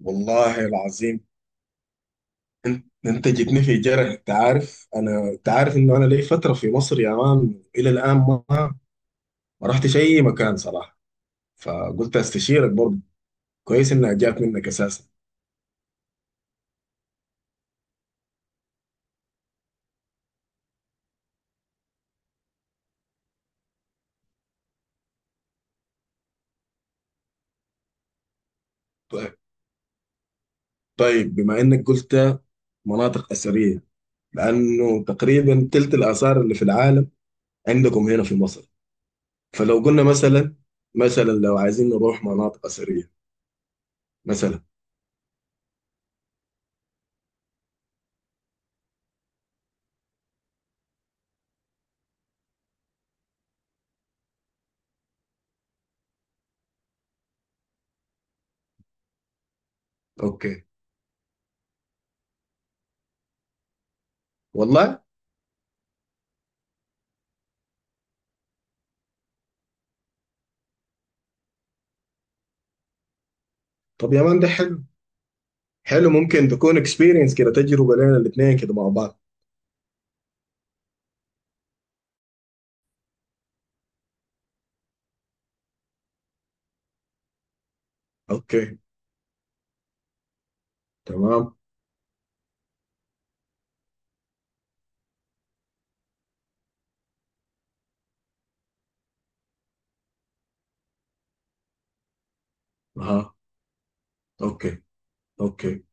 والله العظيم. انت جيتني في جرح. انت عارف انه انا لي فتره في مصر يا مان، الى الان ما رحتش اي مكان صراحه. فقلت استشيرك برضه، كويس انها جات منك اساسا. طيب طيب بما انك قلت مناطق اثريه، لانه تقريبا تلت الاثار اللي في العالم عندكم هنا في مصر. فلو قلنا مثلا لو عايزين نروح مناطق اثريه مثلا. اوكي. والله. طب يا مان، ده حق. حلو، ممكن تكون اكسبيرينس كده، تجربة لنا الاثنين كده مع بعض. اوكي، تمام. اها، اوكي، اوكي.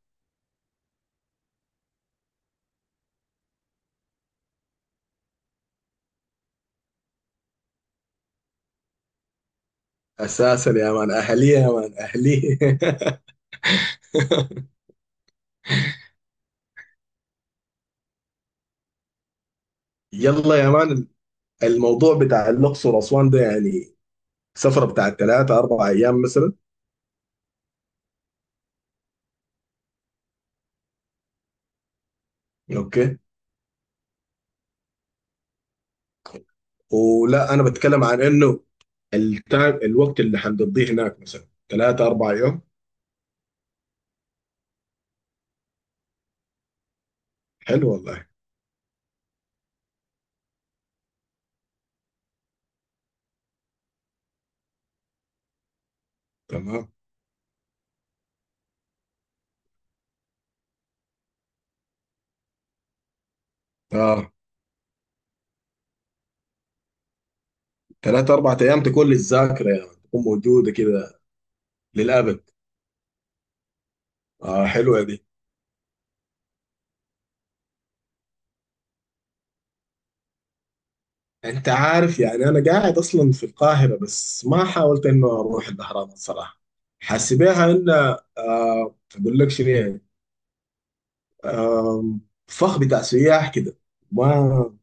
اساسا يا مان اهلية، يا مان اهلية. يلا يا مان، الموضوع بتاع الاقصر واسوان ده يعني سفرة بتاع ثلاثة أربع أيام مثلا؟ اوكي. ولا، أنا بتكلم عن إنه الوقت اللي حنقضيه هناك مثلا ثلاثة أربع يوم. حلو والله. تمام. آه، ثلاثة أربع أيام تكون للذاكرة، يعني تكون موجودة كده للأبد. آه، حلوة دي. انت عارف، يعني انا قاعد اصلا في القاهره، بس ما حاولت انه اروح الاهرامات صراحه. حاسبها ان، اقول لك شنو يعني، آه، فخ بتاع سياح كده. ما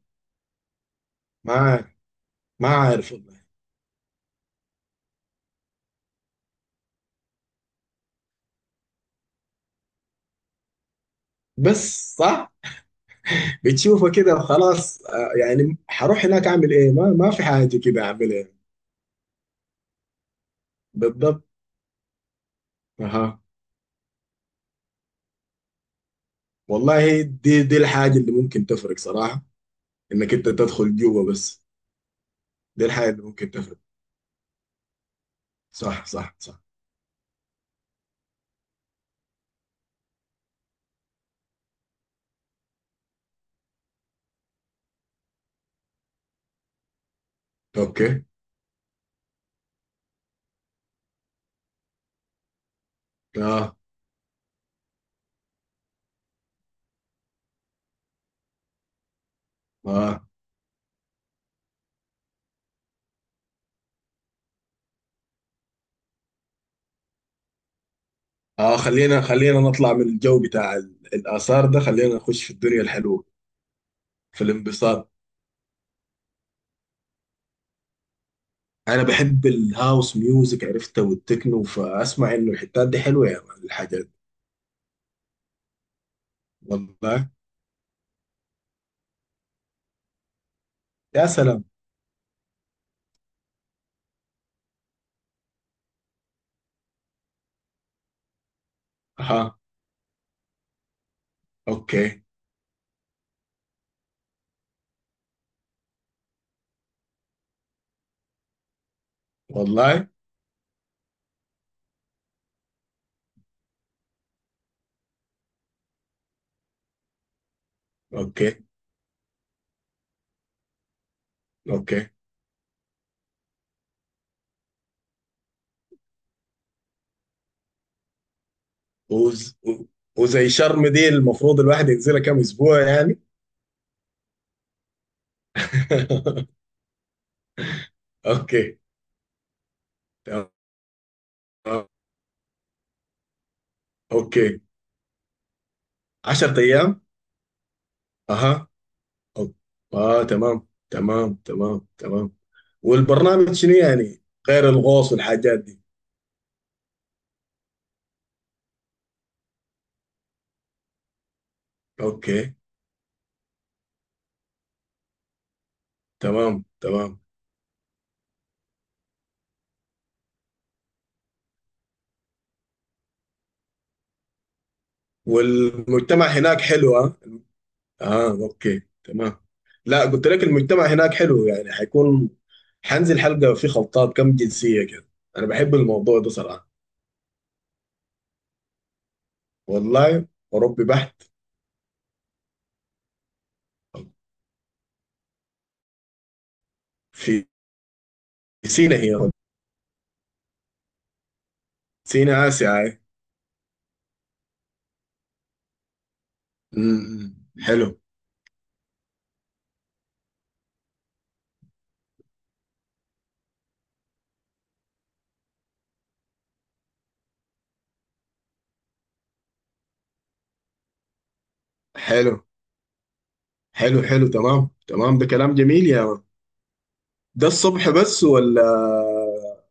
ما عارف، ما عارف والله. بس صح. بتشوفه كده خلاص، يعني حروح هناك اعمل ايه؟ ما في حاجه كده اعملها. بالضبط. اها. والله، دي الحاجه اللي ممكن تفرق صراحه، انك انت تدخل جوه بس. دي الحاجه اللي ممكن تفرق. صح، صح، صح. اوكي. آه. اه. اه خلينا نطلع من الجو بتاع الآثار ده، خلينا نخش في الدنيا الحلوة، في الانبساط. أنا بحب الهاوس ميوزك عرفته والتكنو، فأسمع إنه الحتات دي حلوة يا مان، الحاجات. والله. يا سلام. أها. أوكي. والله. أوكي، أوكي. وز و- وزي شرم دي، المفروض الواحد ينزلها كم أسبوع يعني؟ أوكي، تمام. أوكي، 10 أيام. أها، أوكي. آه، تمام، تمام، تمام، تمام. والبرنامج شنو يعني، غير الغوص والحاجات دي؟ اوكي، تمام، تمام. والمجتمع هناك حلو، ها؟ اه، اوكي، تمام. لا، قلت لك المجتمع هناك حلو، يعني حيكون حنزل حلقة في خلطات كم جنسية كده. انا بحب الموضوع ده صراحة. والله. اوروبي بحت. في سينا هي. سينا آسيا هاي. م- م. حلو. حلو، حلو، حلو، تمام، تمام. ده كلام جميل يا. ده الصبح بس، ولا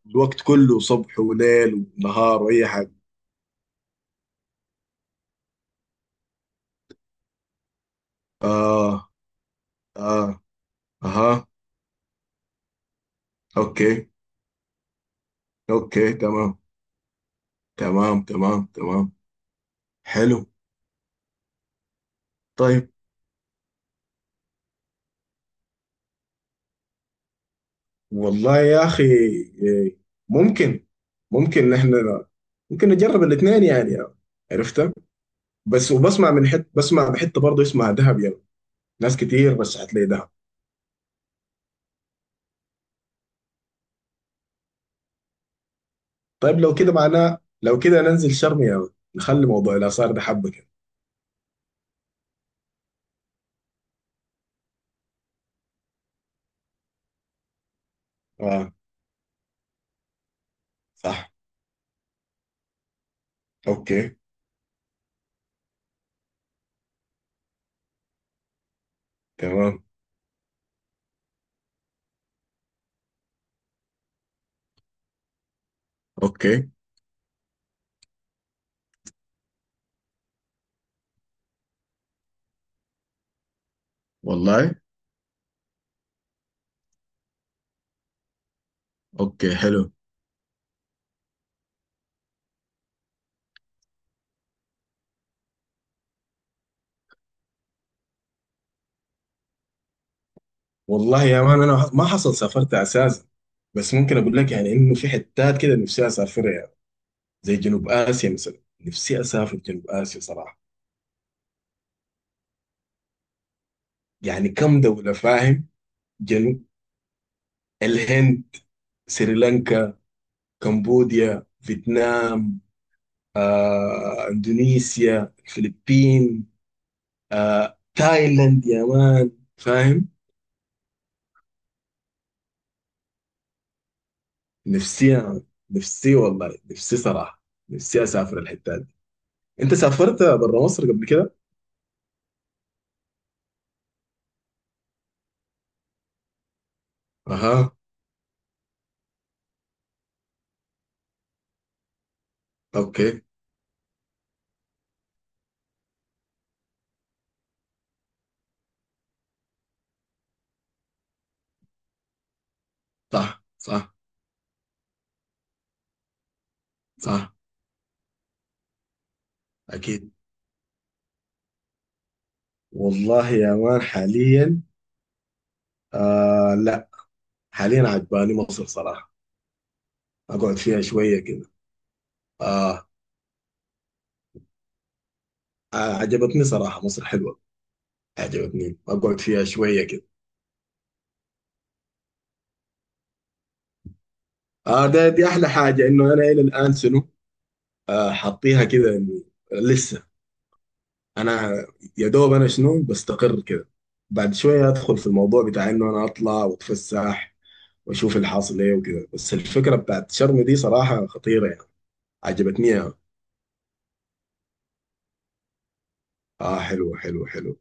الوقت كله صبح وليل ونهار واي حاجه؟ اه. اه. اها. اوكي، اوكي، تمام، تمام، تمام، تمام. حلو. طيب، والله يا اخي، ممكن ممكن احنا ممكن نجرب الاثنين يعني، عرفتها. بس وبسمع من، بسمع بحته برضه اسمها دهب يعني، ناس كتير رشحت لي دهب. طيب لو كده معناه، لو كده ننزل شرم يا ولد. نخلي موضوع الاثار ده حبه كده. اه. صح. اوكي، تمام. اوكي. والله. اوكي. حلو. والله يا مان، انا ما حصل سافرت اساسا. بس ممكن اقول لك يعني انه في حتات كده نفسي اسافرها يعني، زي جنوب اسيا مثلا. نفسي اسافر جنوب اسيا صراحه، يعني كم دوله فاهم. جنوب الهند، سريلانكا، كمبوديا، فيتنام، اندونيسيا، الفلبين، تايلاند يا مان، فاهم. نفسي أنا. نفسي والله، نفسي صراحة، نفسي أسافر الحتة دي. أنت سافرت برا مصر قبل كده؟ أها. أوكي. صح، صح، صح. أكيد. والله يا مان، حاليا، آه، لا، حاليا عجباني مصر صراحة، أقعد فيها شوية كده. آه. آه، عجبتني صراحة، مصر حلوة، عجبتني، أقعد فيها شوية كده. آه، ده دي أحلى حاجة، إنه أنا إلى الآن شنو، حاطيها كده إني لسه. انا، يا دوب انا شنو بستقر كده، بعد شويه ادخل في الموضوع بتاع انه انا اطلع واتفسح واشوف الحاصل ايه وكده. بس الفكره بتاعت شرم دي صراحه خطيره يعني، عجبتني يعني. اه، حلو، حلو، حلو.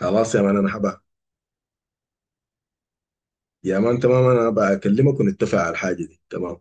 خلاص يا مان، انا حبا يا مان، تمام. انا بكلمك ونتفق على الحاجه دي، تمام.